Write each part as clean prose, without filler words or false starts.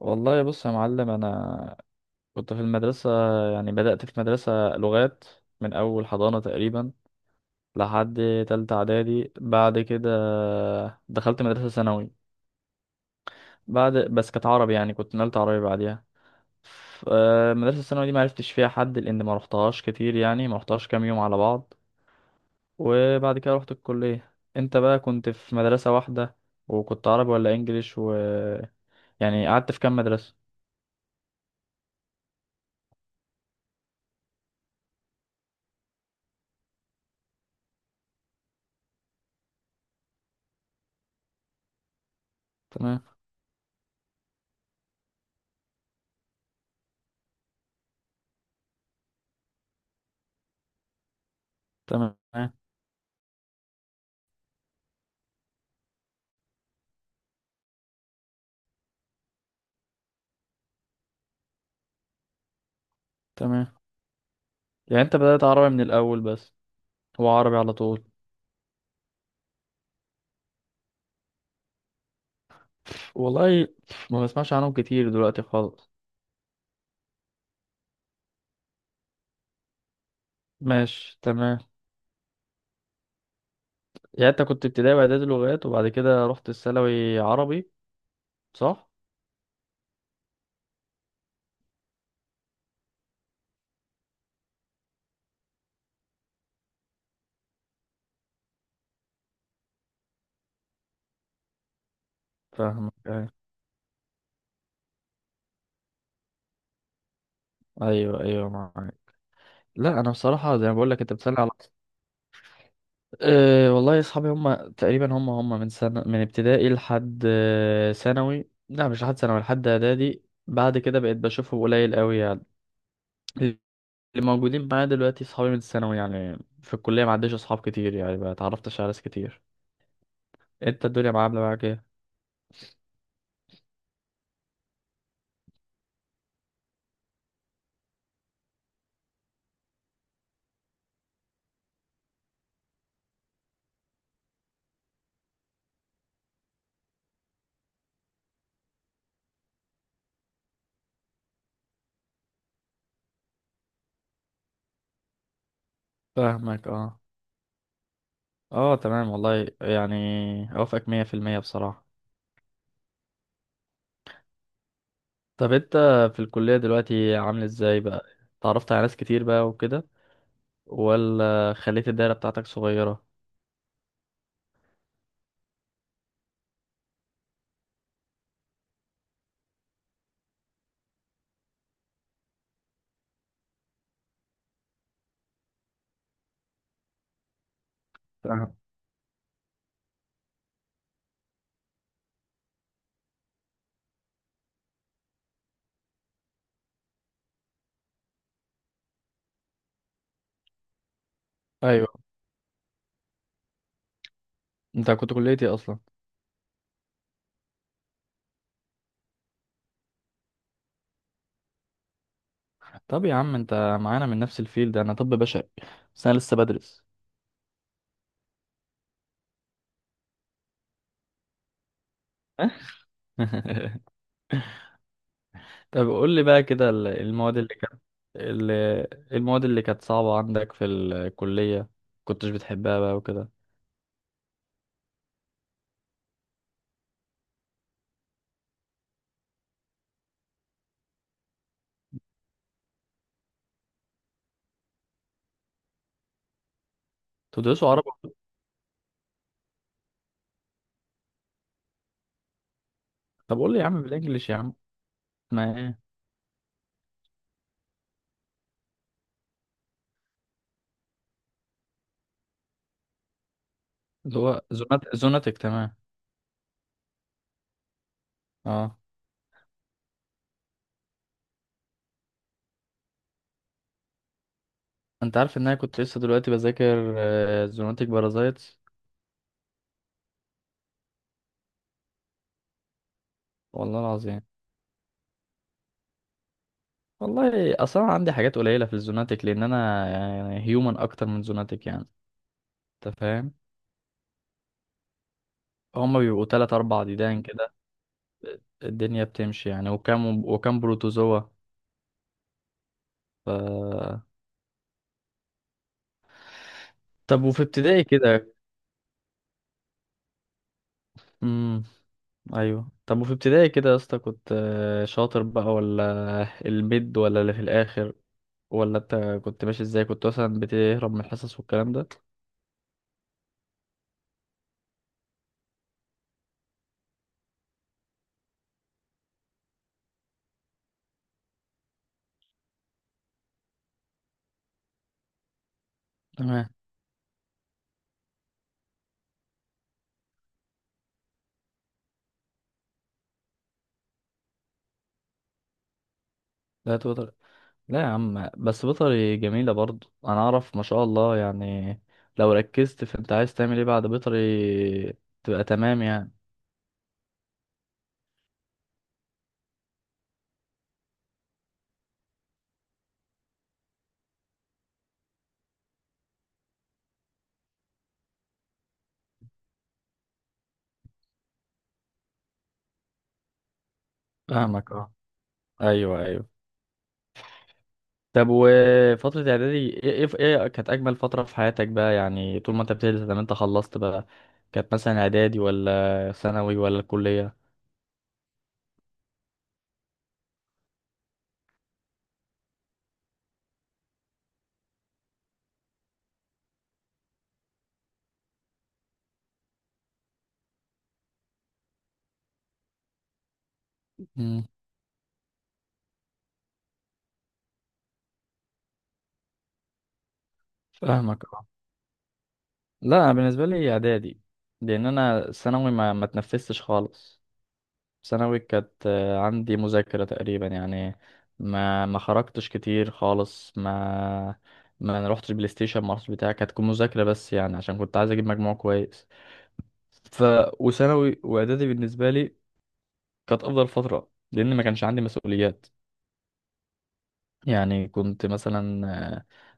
والله بص يا معلم، انا كنت في المدرسه. يعني بدات في مدرسه لغات من اول حضانه تقريبا لحد تالتة اعدادي. بعد كده دخلت مدرسه ثانوي، بعد بس كانت عربي. يعني كنت نقلت عربي بعديها. المدرسه الثانوي دي ما عرفتش فيها حد لان ما رحتهاش كتير، يعني ما رحتهاش كام يوم على بعض. وبعد كده رحت الكليه. انت بقى كنت في مدرسه واحده؟ وكنت عربي ولا انجليش و يعني قعدت في كام مدرسه؟ تمام تمام تمام. يعني انت بدأت عربي من الأول بس؟ هو عربي على طول. والله ما بسمعش عنهم كتير دلوقتي خالص. ماشي تمام. يعني انت كنت ابتدائي وإعدادي لغات وبعد كده رحت الثانوي عربي، صح؟ فاهمك، أيوة. أيوه أيوه، معاك. لا أنا بصراحة زي ما بقول لك، أنت بتسألني على، والله أصحابي هم تقريبا هم من سنة من ابتدائي لحد ثانوي. لا مش لحد ثانوي، لحد إعدادي. بعد كده بقيت بشوفهم قليل قوي يعني. اللي موجودين معايا دلوقتي صحابي من الثانوي، يعني في الكلية ما عنديش أصحاب كتير، يعني ما اتعرفتش على ناس كتير. أنت الدنيا معاملة معاك إيه؟ فاهمك، أه. أه تمام، والله يعني أوافقك 100% بصراحة. طب أنت في الكلية دلوقتي عامل إزاي بقى؟ اتعرفت على ناس كتير بقى وكده ولا خليت الدايرة بتاعتك صغيرة؟ فاهم. أيوه. أنت كنت كليتي أصلا. طب يا عم أنت معانا من نفس الفيلد، أنا طب بشري بس أنا لسه بدرس. طب قول لي بقى كده ال- المواد اللي كانت صعبة عندك في الكلية، كنتش بتحبها بقى وكده؟ تدرسوا عربي؟ طب قول لي يا عم بالانجلش يا عم. ما ايه اللي هو زوناتك. تمام. اه، انت عارف ان انا كنت لسه دلوقتي بذاكر زوناتك بارازايتس؟ والله العظيم، والله اصلا عندي حاجات قليلة في الزوناتك لان انا يعني هيومن اكتر من زوناتك يعني، انت فاهم. هما بيبقوا 3 4 ديدان كده الدنيا بتمشي يعني، وكام وكام بروتوزوا. طب وفي ابتدائي كده، امم ايوه طب وفي ابتدائي كده يا اسطى كنت شاطر بقى ولا الميد ولا اللي في الاخر؟ ولا انت كنت ماشي ازاي، كنت مثلا بتهرب من الحصص والكلام ده؟ تمام. لا توتر. لا يا عم، بس بيطري جميلة برضو، انا اعرف ما شاء الله يعني. لو ركزت في انت عايز تعمل ايه بعد بيطري تبقى تمام يعني. فاهمك، اه. ايوه ايوه. طب وفترة إعدادي إيه كانت أجمل فترة في حياتك بقى؟ يعني طول ما أنت بتدرس لما أنت خلصت بقى، كانت مثلا إعدادي ولا ثانوي ولا الكلية؟ مم. فاهمك، أه. لا أنا بالنسبة لي إعدادي. لأن أنا ثانوي ما تنفستش خالص. ثانوي كانت عندي مذاكرة تقريبا يعني. ما خرجتش كتير خالص. ما رحتش بلاي ستيشن، ما رحتش بتاع. كانت تكون مذاكرة بس يعني عشان كنت عايز أجيب مجموع كويس. ف وثانوي واعدادي بالنسبه لي كانت افضل فتره لان ما كانش عندي مسؤوليات. يعني كنت مثلا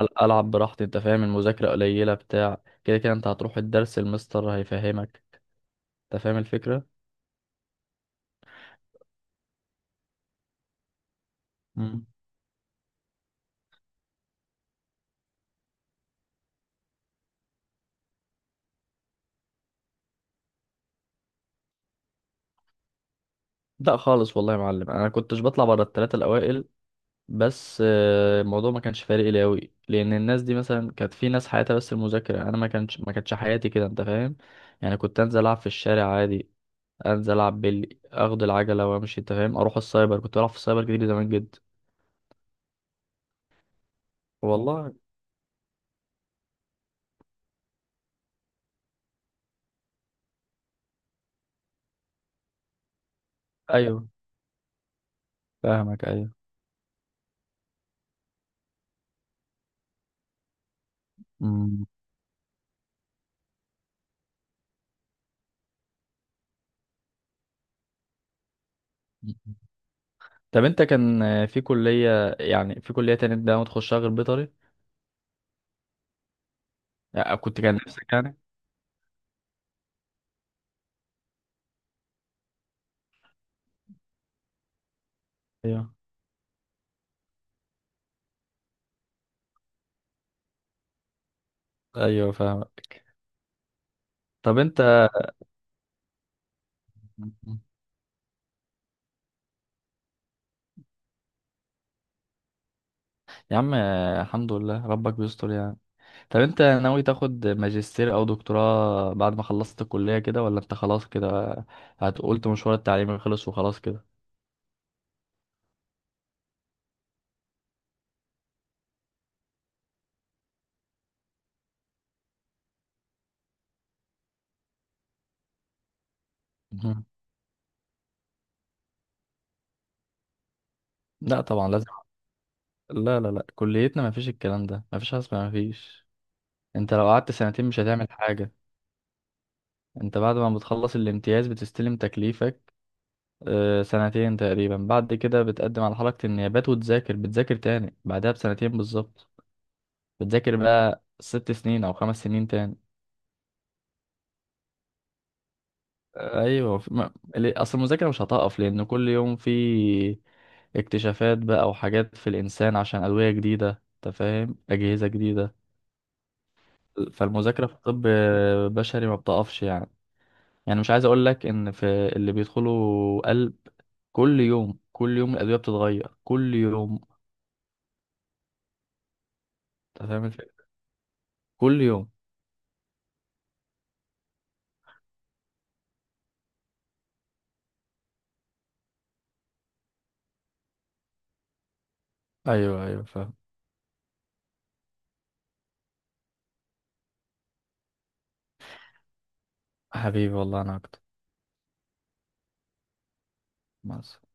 العب براحتي. انت فاهم، المذاكره قليله بتاع كده كده. انت هتروح الدرس، المستر هيفهمك، انت فاهم الفكره. مم. لا خالص، والله يا معلم انا كنتش بطلع بره الثلاثه الاوائل. بس الموضوع ما كانش فارق لي قوي. لان الناس دي مثلا، كانت في ناس حياتها بس المذاكره، انا ما كانتش حياتي كده، انت فاهم. يعني كنت انزل العب في الشارع عادي. انزل العب بالي، اخد العجله وامشي. انت فاهم، اروح السايبر، كنت بلعب في السايبر كتير زمان جدا. والله. ايوه فاهمك. ايوه. مم. طب انت كان في كلية، يعني في كلية تانية انت ما تخشها غير بيطري؟ يعني كنت كان نفسك يعني. ايوه ايوه فاهمك. طب انت يا عم الحمد لله، ربك بيستر يعني. طب انت ناوي تاخد ماجستير او دكتوراه بعد ما خلصت الكلية كده، ولا انت خلاص كده هتقولت مشوار التعليمي خلص وخلاص كده؟ مهم. لا طبعا لازم. لا لا لا، كليتنا ما فيش الكلام ده، ما فيش حاجة اسمها ما فيش. انت لو قعدت سنتين مش هتعمل حاجة. انت بعد ما بتخلص الامتياز بتستلم تكليفك، سنتين تقريبا. بعد كده بتقدم على حركة النيابات وتذاكر، بتذاكر تاني بعدها بسنتين بالظبط. بتذاكر بقى 6 سنين او 5 سنين تاني. آه، ايوه في- ما... ليه- اصل المذاكرة مش هتقف لان كل يوم في اكتشافات بقى وحاجات في الانسان، عشان ادوية جديدة، انت فاهم، اجهزة جديدة. فالمذاكرة في الطب بشري ما بتقفش يعني مش عايز اقول لك ان في اللي بيدخلوا قلب. كل يوم كل يوم الأدوية بتتغير كل يوم. أنت فاهم الفكرة، كل يوم. أيوه أيوه فاهم. حبيبي والله أنا أكتر. مع السلامة.